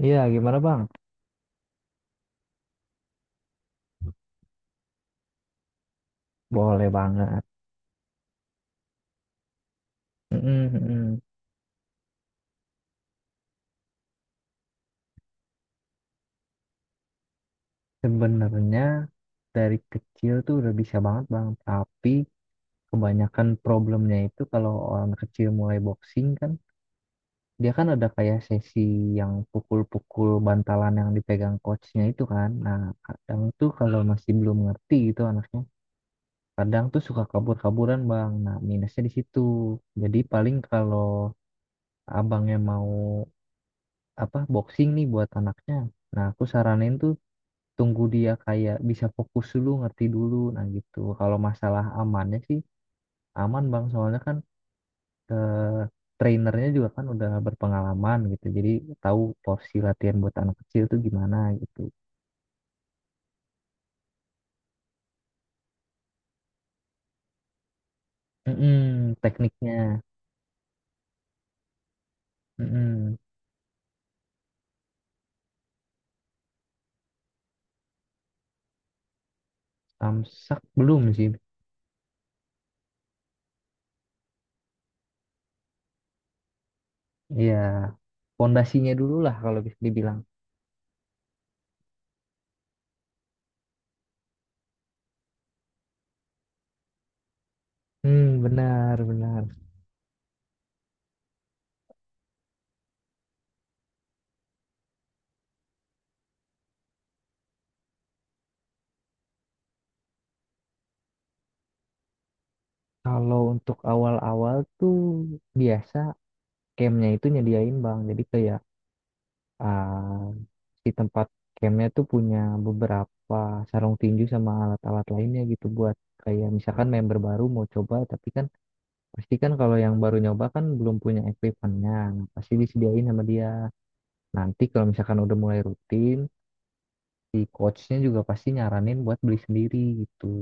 Iya, gimana Bang? Boleh banget. Mm-mm, mm-mm. Sebenarnya dari kecil tuh udah bisa banget Bang, tapi kebanyakan problemnya itu kalau orang kecil mulai boxing kan, dia kan ada kayak sesi yang pukul-pukul bantalan yang dipegang coachnya itu kan. Nah, kadang tuh kalau masih belum ngerti gitu anaknya, kadang tuh suka kabur-kaburan Bang. Nah, minusnya di situ. Jadi paling kalau abangnya mau apa boxing nih buat anaknya, nah, aku saranin tuh tunggu dia kayak bisa fokus dulu ngerti dulu nah gitu. Kalau masalah amannya sih aman bang, soalnya kan eh, trainernya juga kan udah berpengalaman gitu, jadi tahu porsi latihan buat anak kecil tuh gimana gitu. Mm-mm, tekniknya. Mm-mm. Samsak belum sih. Ya pondasinya dulu lah kalau bisa dibilang. Hmm, benar, benar. Kalau untuk awal-awal tuh biasa campnya itu nyediain bang. Jadi kayak Ah, si tempat campnya tuh punya beberapa sarung tinju sama alat-alat lainnya gitu buat kayak misalkan member baru mau coba, tapi kan pasti kan kalau yang baru nyoba kan belum punya equipmentnya. Nah, pasti disediain sama dia. Nanti kalau misalkan udah mulai rutin, si coachnya juga pasti nyaranin buat beli sendiri gitu.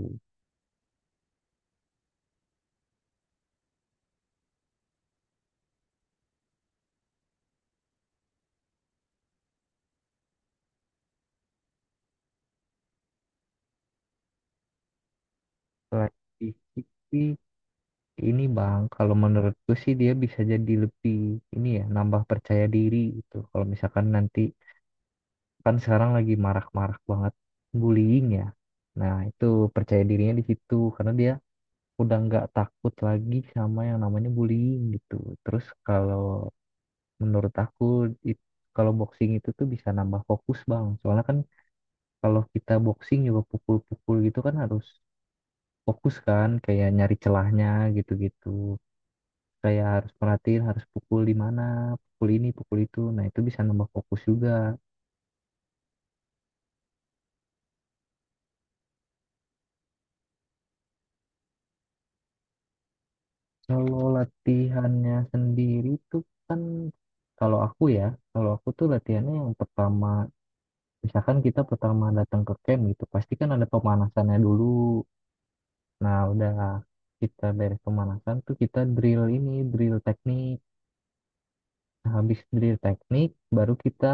Selain fisik sih, ini bang kalau menurutku sih dia bisa jadi lebih ini ya, nambah percaya diri gitu. Kalau misalkan nanti kan sekarang lagi marak-marak banget bullying ya. Nah, itu percaya dirinya di situ karena dia udah nggak takut lagi sama yang namanya bullying gitu. Terus kalau menurut aku it- kalau boxing itu tuh bisa nambah fokus bang. Soalnya kan kalau kita boxing juga pukul-pukul gitu kan harus fokus kan, kayak nyari celahnya gitu-gitu. Kayak harus perhatiin, harus pukul di mana, pukul ini, pukul itu. Nah, itu bisa nambah fokus juga. Kalau latihannya sendiri tuh kan, kalau aku ya, kalau aku tuh latihannya yang pertama, misalkan kita pertama datang ke camp gitu, pasti kan ada pemanasannya dulu. Nah, udah kita beres pemanasan tuh kita drill ini, drill teknik. Nah, habis drill teknik baru kita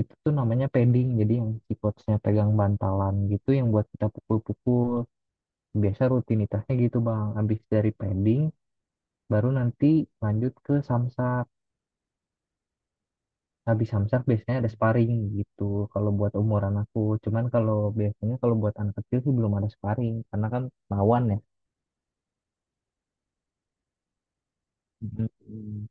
itu tuh namanya padding, jadi yang si coachnya pegang bantalan gitu yang buat kita pukul-pukul. Biasa rutinitasnya gitu, Bang. Habis dari padding baru nanti lanjut ke samsat. Habis samsak biasanya ada sparring gitu kalau buat umuran aku. Cuman kalau biasanya kalau buat anak kecil sih belum ada sparring, karena kan lawan ya. Hmm.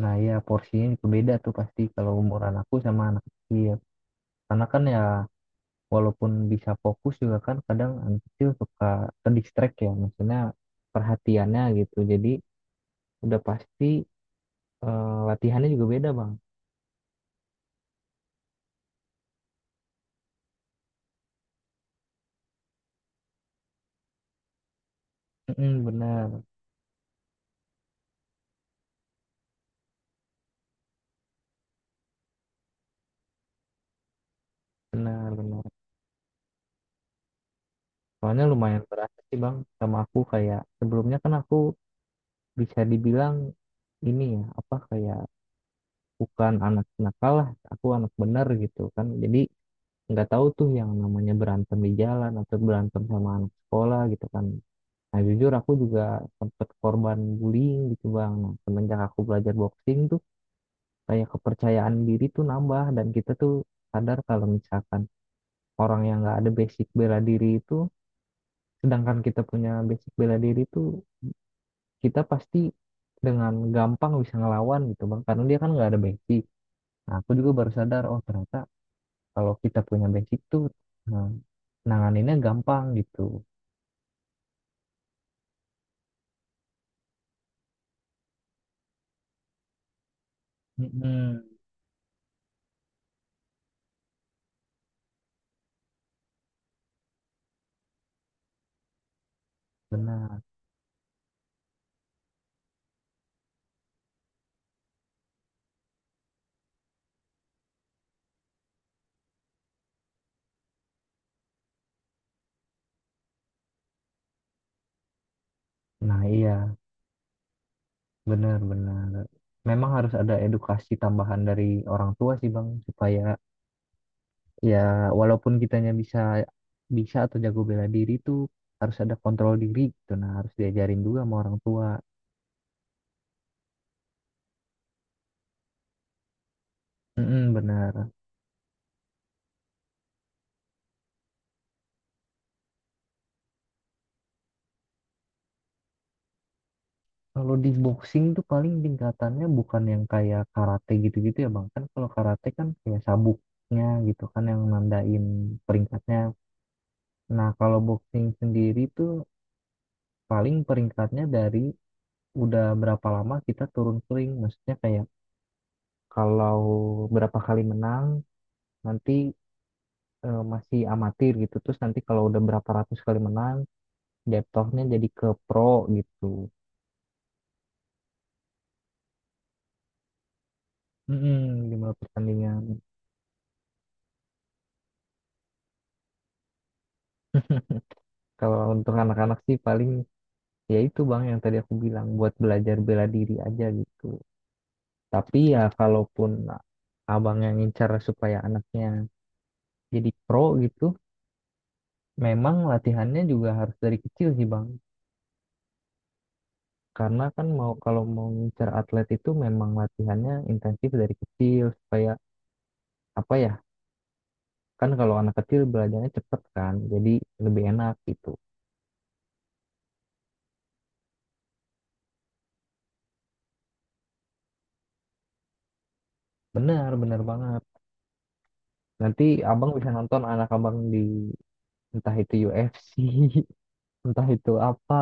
Nah ya porsinya juga beda tuh pasti kalau umuran aku sama anak kecil, karena kan ya walaupun bisa fokus juga kan kadang anak kecil suka ke distract, ya maksudnya perhatiannya gitu. Jadi udah pasti eh, latihannya juga beda bang. Mm-mm, benar benar benar. Soalnya lumayan berasa sih bang sama aku. Kayak sebelumnya kan aku bisa dibilang ini ya apa kayak bukan anak nakal lah, aku anak bener gitu kan. Jadi nggak tahu tuh yang namanya berantem di jalan atau berantem sama anak sekolah gitu kan. Nah jujur aku juga sempet korban bullying gitu bang. Nah semenjak aku belajar boxing tuh kayak kepercayaan diri tuh nambah. Dan kita tuh sadar kalau misalkan orang yang nggak ada basic bela diri itu, sedangkan kita punya basic bela diri itu, kita pasti dengan gampang bisa ngelawan gitu bang, karena dia kan nggak ada basic. Nah aku juga baru sadar oh ternyata kalau kita punya basic tuh, nah, nanganinnya gampang gitu. Mm-mm, benar. Nah iya, benar benar. Memang harus ada edukasi tambahan dari orang tua sih bang, supaya ya walaupun kitanya bisa, bisa atau jago bela diri tuh, harus ada kontrol diri gitu. Nah harus diajarin juga sama orang tua. Mm-mm, benar. Kalau di boxing tuh paling tingkatannya bukan yang kayak karate gitu-gitu ya Bang. Kan kalau karate kan kayak sabuknya gitu kan yang nandain peringkatnya. Nah, kalau boxing sendiri tuh paling peringkatnya dari udah berapa lama kita turun sering. Maksudnya kayak kalau berapa kali menang nanti masih amatir gitu. Terus nanti kalau udah berapa ratus kali menang jatuhnya jadi ke pro gitu. Mm-mm, di mulai pertandingan. Kalau untuk anak-anak sih paling ya itu bang yang tadi aku bilang buat belajar bela diri aja gitu. Tapi ya kalaupun abang yang ngincar supaya anaknya jadi pro gitu, memang latihannya juga harus dari kecil sih bang. Karena kan mau, kalau mau ngincar atlet itu memang latihannya intensif dari kecil supaya apa ya, kan kalau anak kecil belajarnya cepet kan, jadi lebih enak gitu. Benar benar banget. Nanti abang bisa nonton anak abang di entah itu UFC, entah itu apa.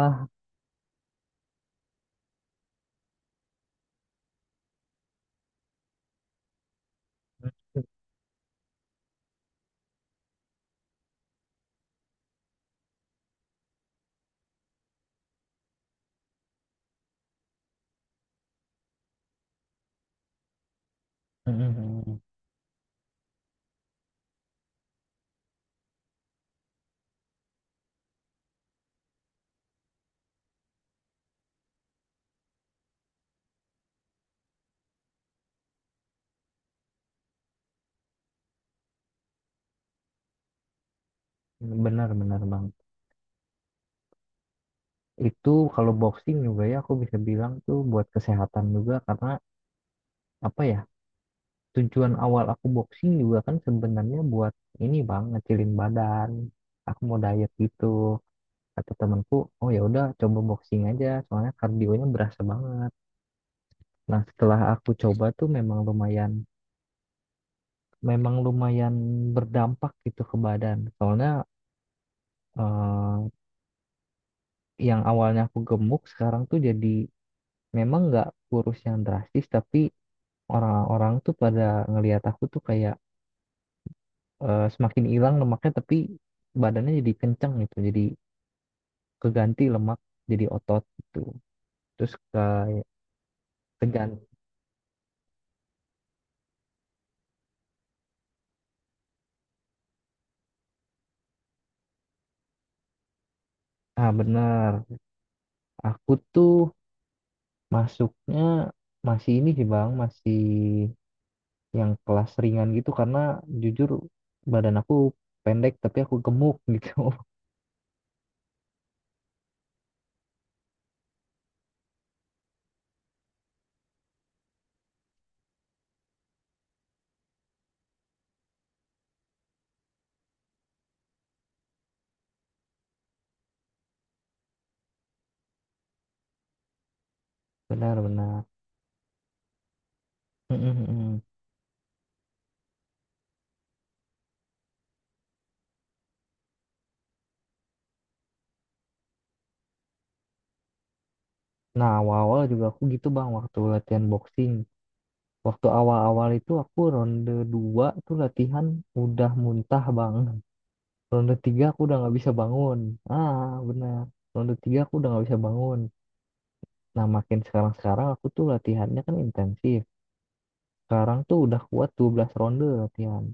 Mm-mm. Benar, benar bang. Itu kalau boxing juga ya aku bisa bilang tuh buat kesehatan juga. Karena apa ya, tujuan awal aku boxing juga kan sebenarnya buat ini bang, ngecilin badan. Aku mau diet gitu. Kata temanku, oh ya udah coba boxing aja, soalnya kardionya berasa banget. Nah setelah aku coba tuh memang lumayan berdampak gitu ke badan. Soalnya eh, yang awalnya aku gemuk sekarang tuh jadi, memang nggak kurus yang drastis, tapi orang-orang tuh pada ngelihat aku tuh kayak semakin hilang lemaknya, tapi badannya jadi kenceng gitu. Jadi keganti lemak jadi otot gitu. Terus kayak keganti. Ah bener, aku tuh masuknya masih ini sih bang, masih yang kelas ringan gitu karena jujur badan aku pendek tapi aku gemuk gitu. Benar-benar. Mm, mm, mm. Nah, awal-awal juga aku gitu bang waktu latihan boxing. Waktu awal-awal itu aku ronde 2 tuh latihan udah muntah banget. Ronde 3 aku udah nggak bisa bangun. Ah, benar. Ronde 3 aku udah nggak bisa bangun. Nah, makin sekarang-sekarang aku tuh latihannya kan intensif. Sekarang tuh udah kuat 12 ronde latihan.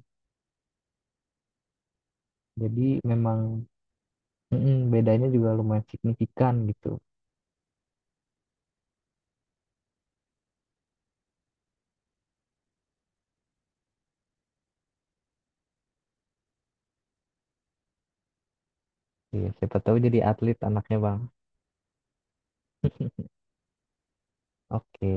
Jadi memang mm-mm, bedanya juga lumayan signifikan gitu. Iya, siapa tahu jadi atlet anaknya, Bang. Oke.